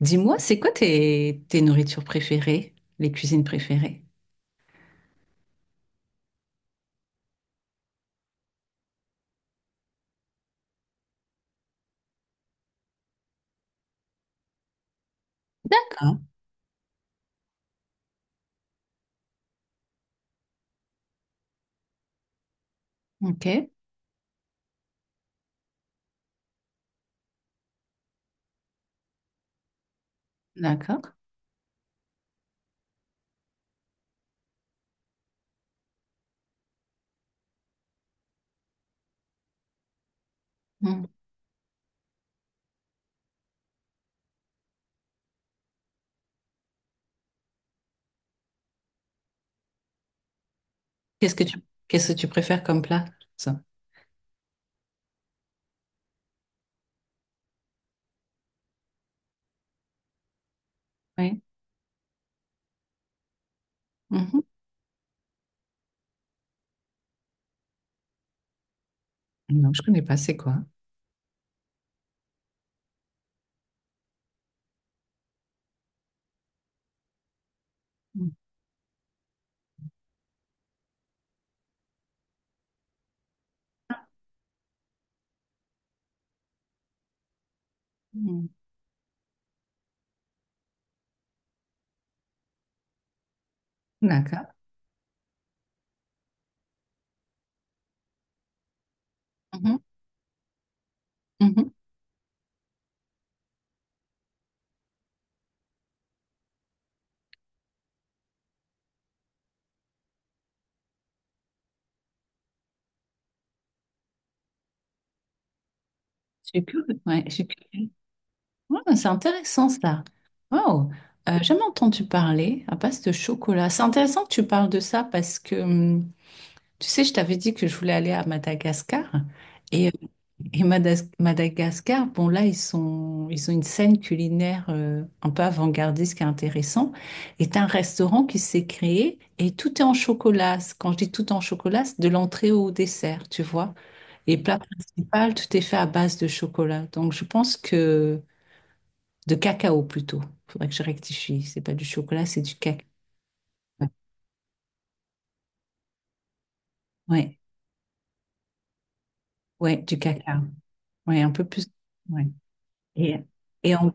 Dis-moi, c'est quoi tes nourritures préférées, les cuisines préférées? D'accord. Ok, d'accord. Mm. Qu'est-ce que tu, Qu'est-ce que tu préfères comme plat? Ça. Oui. Mhm. Non, je connais pas, c'est quoi? Mm. Mm. D'accord. Mhm. Mhm. Je suis curieuse. Ouais, je suis curieuse. Ouais, c'est intéressant ça. Wow. Jamais entendu parler à base de chocolat. C'est intéressant que tu parles de ça parce que tu sais, je t'avais dit que je voulais aller à Madagascar et euh, Madagascar, bon là, ils ont une scène culinaire un peu avant-gardiste qui est intéressant. Est un restaurant qui s'est créé et tout est en chocolat. Quand je dis tout en chocolat, c'est de l'entrée au dessert, tu vois. Et plat principal, tout est fait à base de chocolat. Donc je pense que de cacao plutôt. Faudrait que je rectifie. C'est pas du chocolat, c'est du cacao. Ouais, ouais, du cacao. Ouais, un peu plus. Ouais. Et, et en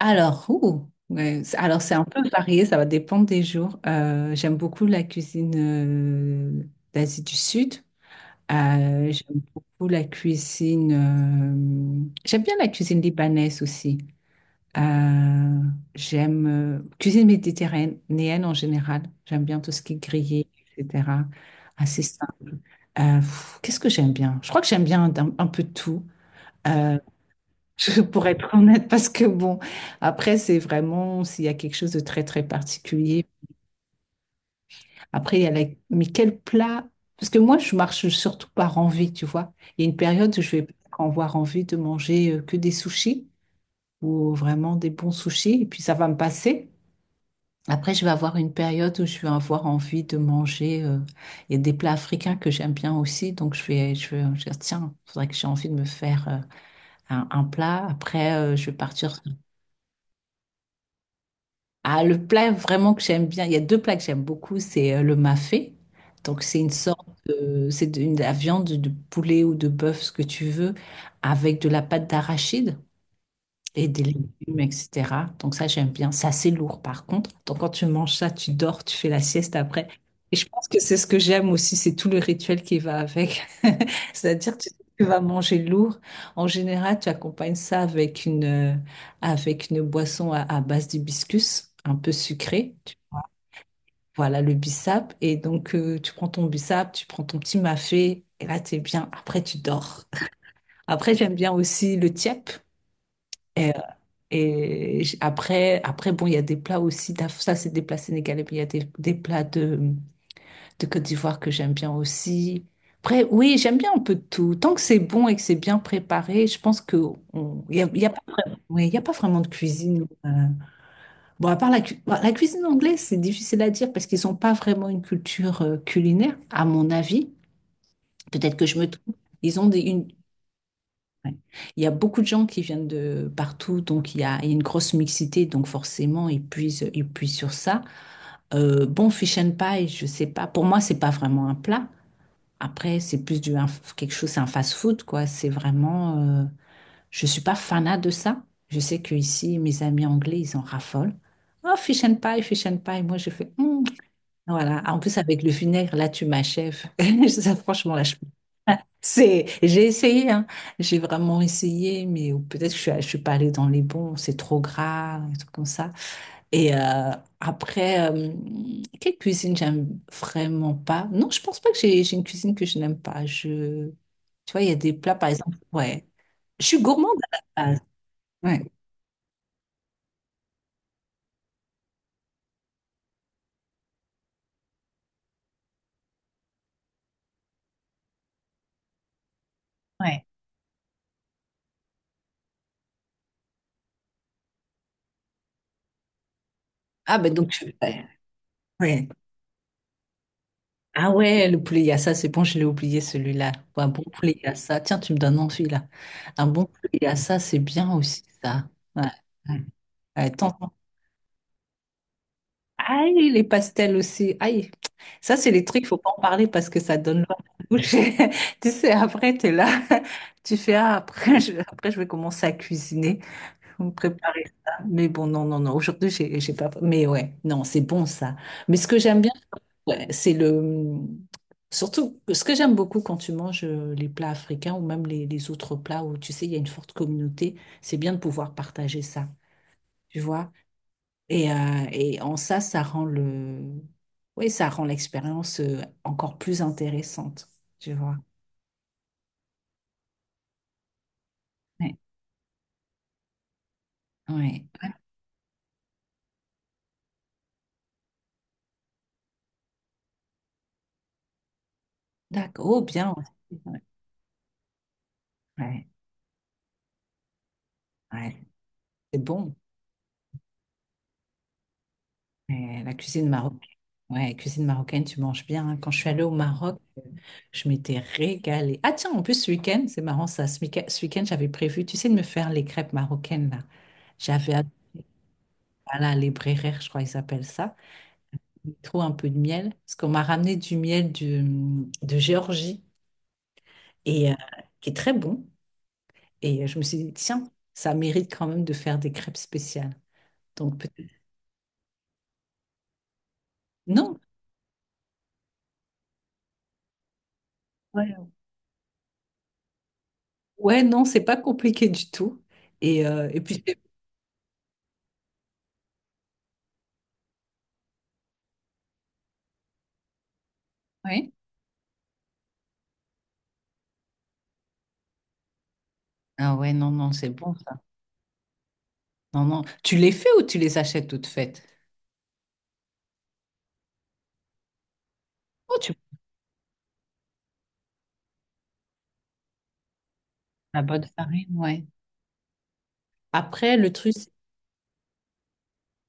Alors, ouh, ouais, alors c'est un peu varié, ça va dépendre des jours. J'aime beaucoup la cuisine d'Asie du Sud. J'aime beaucoup la cuisine. J'aime bien la cuisine libanaise aussi. Euh, J'aime cuisine méditerranéenne en général. J'aime bien tout ce qui est grillé, etc. Assez simple. Qu'est-ce que j'aime bien? Je crois que j'aime bien un peu tout. Euh, Je pourrais être honnête parce que bon, après, c'est vraiment s'il y a quelque chose de très très particulier. Après, il y a la... Mais quel plat? Parce que moi, je marche surtout par envie, tu vois. Il y a une période où je vais avoir envie de manger que des sushis ou vraiment des bons sushis et puis ça va me passer. Après, je vais avoir une période où je vais avoir envie de manger. Il y a des plats africains que j'aime bien aussi, donc je vais dire, tiens, faudrait que j'ai envie de me faire un plat. Après, je vais partir. Ah, le plat vraiment que j'aime bien, il y a deux plats que j'aime beaucoup, c'est le mafé. Donc c'est de la viande de poulet ou de bœuf, ce que tu veux, avec de la pâte d'arachide et des légumes, etc. Donc ça, j'aime bien. C'est assez lourd, par contre. Donc quand tu manges ça, tu dors, tu fais la sieste après. Et je pense que c'est ce que j'aime aussi, c'est tout le rituel qui va avec. C'est-à-dire, tu vas manger lourd. En général, tu accompagnes ça avec une boisson à base d'hibiscus, un peu sucrée. Voilà, le bissap. Et donc, tu prends ton bissap, tu prends ton petit mafé, et là, t'es bien. Après, tu dors. Après, j'aime bien aussi le tiep. Après, bon, il y a des plats aussi, ça c'est des plats sénégalais, mais il y a des plats de Côte d'Ivoire que j'aime bien aussi. Après, oui, j'aime bien un peu de tout. Tant que c'est bon et que c'est bien préparé, je pense que il y a, ouais, il y a pas vraiment de cuisine. Bon, à part bon, la cuisine anglaise, c'est difficile à dire parce qu'ils n'ont pas vraiment une culture culinaire, à mon avis. Peut-être que je me trompe. Ils ont des, une, Ouais. Il y a beaucoup de gens qui viennent de partout, donc il y a une grosse mixité, donc forcément, ils puisent sur ça. Bon, fish and pie, je sais pas. Pour moi, c'est pas vraiment un plat. Après, c'est plus quelque chose, c'est un fast-food, quoi. C'est vraiment. Je suis pas fanat de ça. Je sais que ici, mes amis anglais, ils en raffolent. Oh, fish and pie, fish and pie. Moi, je fais. Hmm. Voilà. Ah, en plus, avec le vinaigre, là, tu m'achèves. Ça, franchement, là, j'ai essayé, hein. J'ai vraiment essayé, mais ou peut-être que je suis pas allée dans les bons, c'est trop gras, un truc comme ça. Et euh, Après, quelle cuisine j'aime vraiment pas? Non, je pense pas que j'ai une cuisine que je n'aime pas. Tu vois, il y a des plats, par exemple, ouais. Je suis gourmande à la base. Ouais, ouais. Ah ben donc, ouais. Ouais. Ah ouais, le poulet yassa, c'est bon, je l'ai oublié celui-là. Ouais, un bon poulet yassa, tiens, tu me donnes envie là. Un bon poulet yassa, c'est bien aussi ça. Ouais. Euh, Aïe, les pastels aussi. Aïe. Ça, c'est les trucs, faut pas en parler parce que ça donne l'eau à la bouche. Tu sais, après, tu es là. Tu fais, ah, après, après, je vais commencer à cuisiner, me préparer ça. Mais bon, non, non, non. Aujourd'hui, j'ai pas. Mais ouais, non, c'est bon, ça. Mais ce que j'aime bien, ouais, c'est le. Surtout, ce que j'aime beaucoup quand tu manges les plats africains ou même les autres plats où, tu sais, il y a une forte communauté, c'est bien de pouvoir partager ça. Tu vois? Et en ça rend le... Oui, ça rend l'expérience encore plus intéressante, tu vois. Ouais, ouais. Ouais. D'accord. Oh, bien. Ouais, ouais. Ouais. C'est bon. Ouais, la cuisine marocaine. Ouais, cuisine marocaine, tu manges bien, hein. Quand je suis allée au Maroc, je m'étais régalée. Ah tiens, en plus, ce week-end, c'est marrant ça. Ce week-end, j'avais prévu, tu sais, de me faire les crêpes marocaines, là. J'avais, ad- voilà, les bréhères, je crois qu'ils appellent ça. Trop un peu de miel, parce qu'on m'a ramené du miel de Géorgie, et euh, qui est très bon. Et je me suis dit, tiens, ça mérite quand même de faire des crêpes spéciales. Donc peut-être... Non, ouais, ouais, non, c'est pas compliqué du tout. Et puis, ouais. Ah ouais, non, non, c'est bon ça. Non, non. Tu les fais ou tu les achètes toutes faites? Oh, tu prends la bonne farine, ouais. Après, le truc,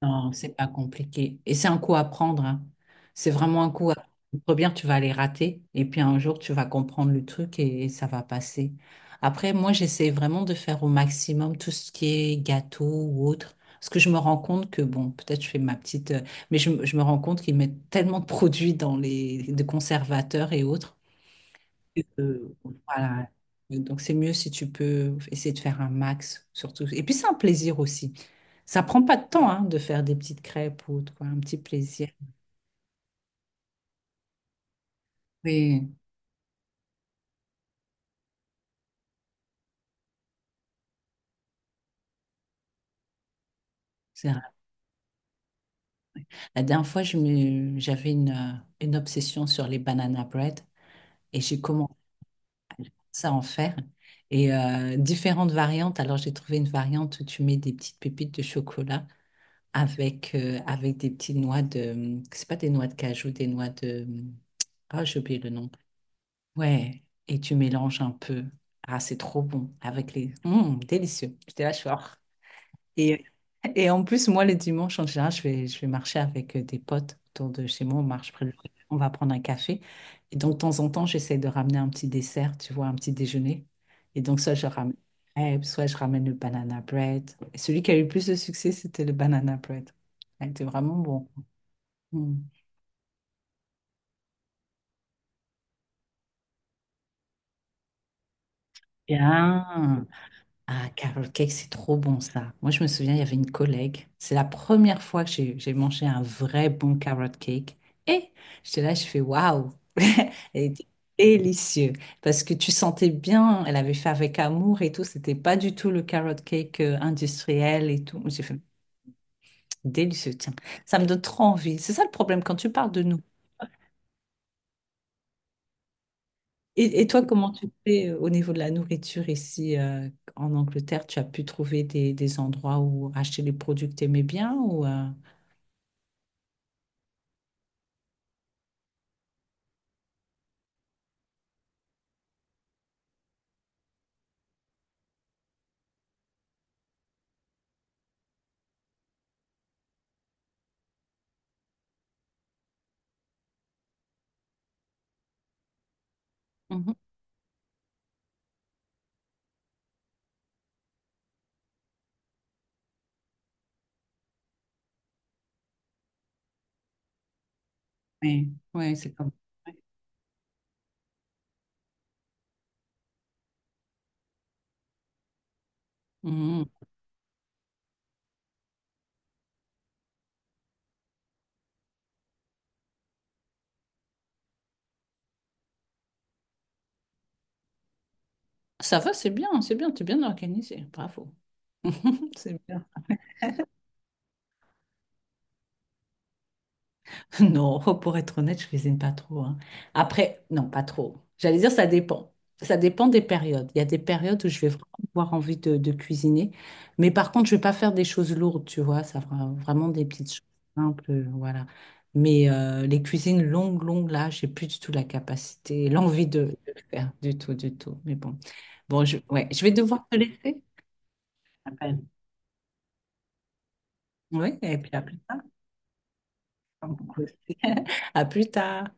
Non, c'est pas compliqué. Et c'est un coup à prendre, hein. C'est vraiment un coup à prendre. Bien, tu vas les rater et puis un jour, tu vas comprendre le truc et ça va passer. Après, moi, j'essaie vraiment de faire au maximum tout ce qui est gâteau ou autre. Parce que je me rends compte que, bon, peut-être je fais ma petite. Mais je me rends compte qu'ils mettent tellement de produits dans de conservateurs et autres. euh, voilà. Donc, c'est mieux si tu peux essayer de faire un max, surtout. Et puis, c'est un plaisir aussi. Ça prend pas de temps hein, de faire des petites crêpes ou autre, quoi, un petit plaisir. Oui, c'est vrai. La dernière fois, j'avais une obsession sur les banana bread et j'ai commencé à en faire. Différentes variantes. Alors, j'ai trouvé une variante où tu mets des petites pépites de chocolat avec des petites noix de... C'est pas des noix de cajou, des noix de... Ah, j'ai oublié le nom. Ouais, et tu mélanges un peu. Ah, c'est trop bon avec les... délicieux. J'étais là, je suis... Et, et en plus, moi, le dimanche, en général, je vais marcher avec des potes autour de chez moi. On marche près de... On va prendre un café. Et donc, de temps en temps, j'essaie de ramener un petit dessert, tu vois, un petit déjeuner. Et donc, soit je ramène crêpes, soit je ramène le banana bread. Et celui qui a eu le plus de succès, c'était le banana bread. Ah, il était vraiment bon. Mm. Bien. Ah, carrot cake, c'est trop bon ça. Moi, je me souviens, il y avait une collègue. C'est la première fois que j'ai mangé un vrai bon carrot cake. Et j'étais là, je fais waouh! Elle était délicieux. Parce que tu sentais bien, elle avait fait avec amour et tout. C'était pas du tout le carrot cake industriel et tout. J'ai fait délicieux, tiens. Ça me donne trop envie. C'est ça le problème quand tu parles de nous. Et toi, comment tu fais au niveau de la nourriture ici en Angleterre? Tu as pu trouver des endroits où acheter les produits que tu aimais bien ou Mhm. Oui, oui, c'est comme. Mhm. Ça va, c'est bien, tu es bien organisé, bravo. C'est bien. Non, pour être honnête, je cuisine pas trop, hein. Après, non, pas trop. J'allais dire, ça dépend. Ça dépend des périodes. Il y a des périodes où je vais vraiment avoir envie de cuisiner. Mais par contre, je vais pas faire des choses lourdes, tu vois. Ça fera vraiment des petites choses simples, voilà. Mais les cuisines longues, longues, là, j'ai plus du tout la capacité, l'envie de le faire du tout, du tout. Mais bon, bon, ouais, je vais devoir te laisser. Appelle. Oui, et puis à plus tard. Comme beaucoup aussi. À plus tard.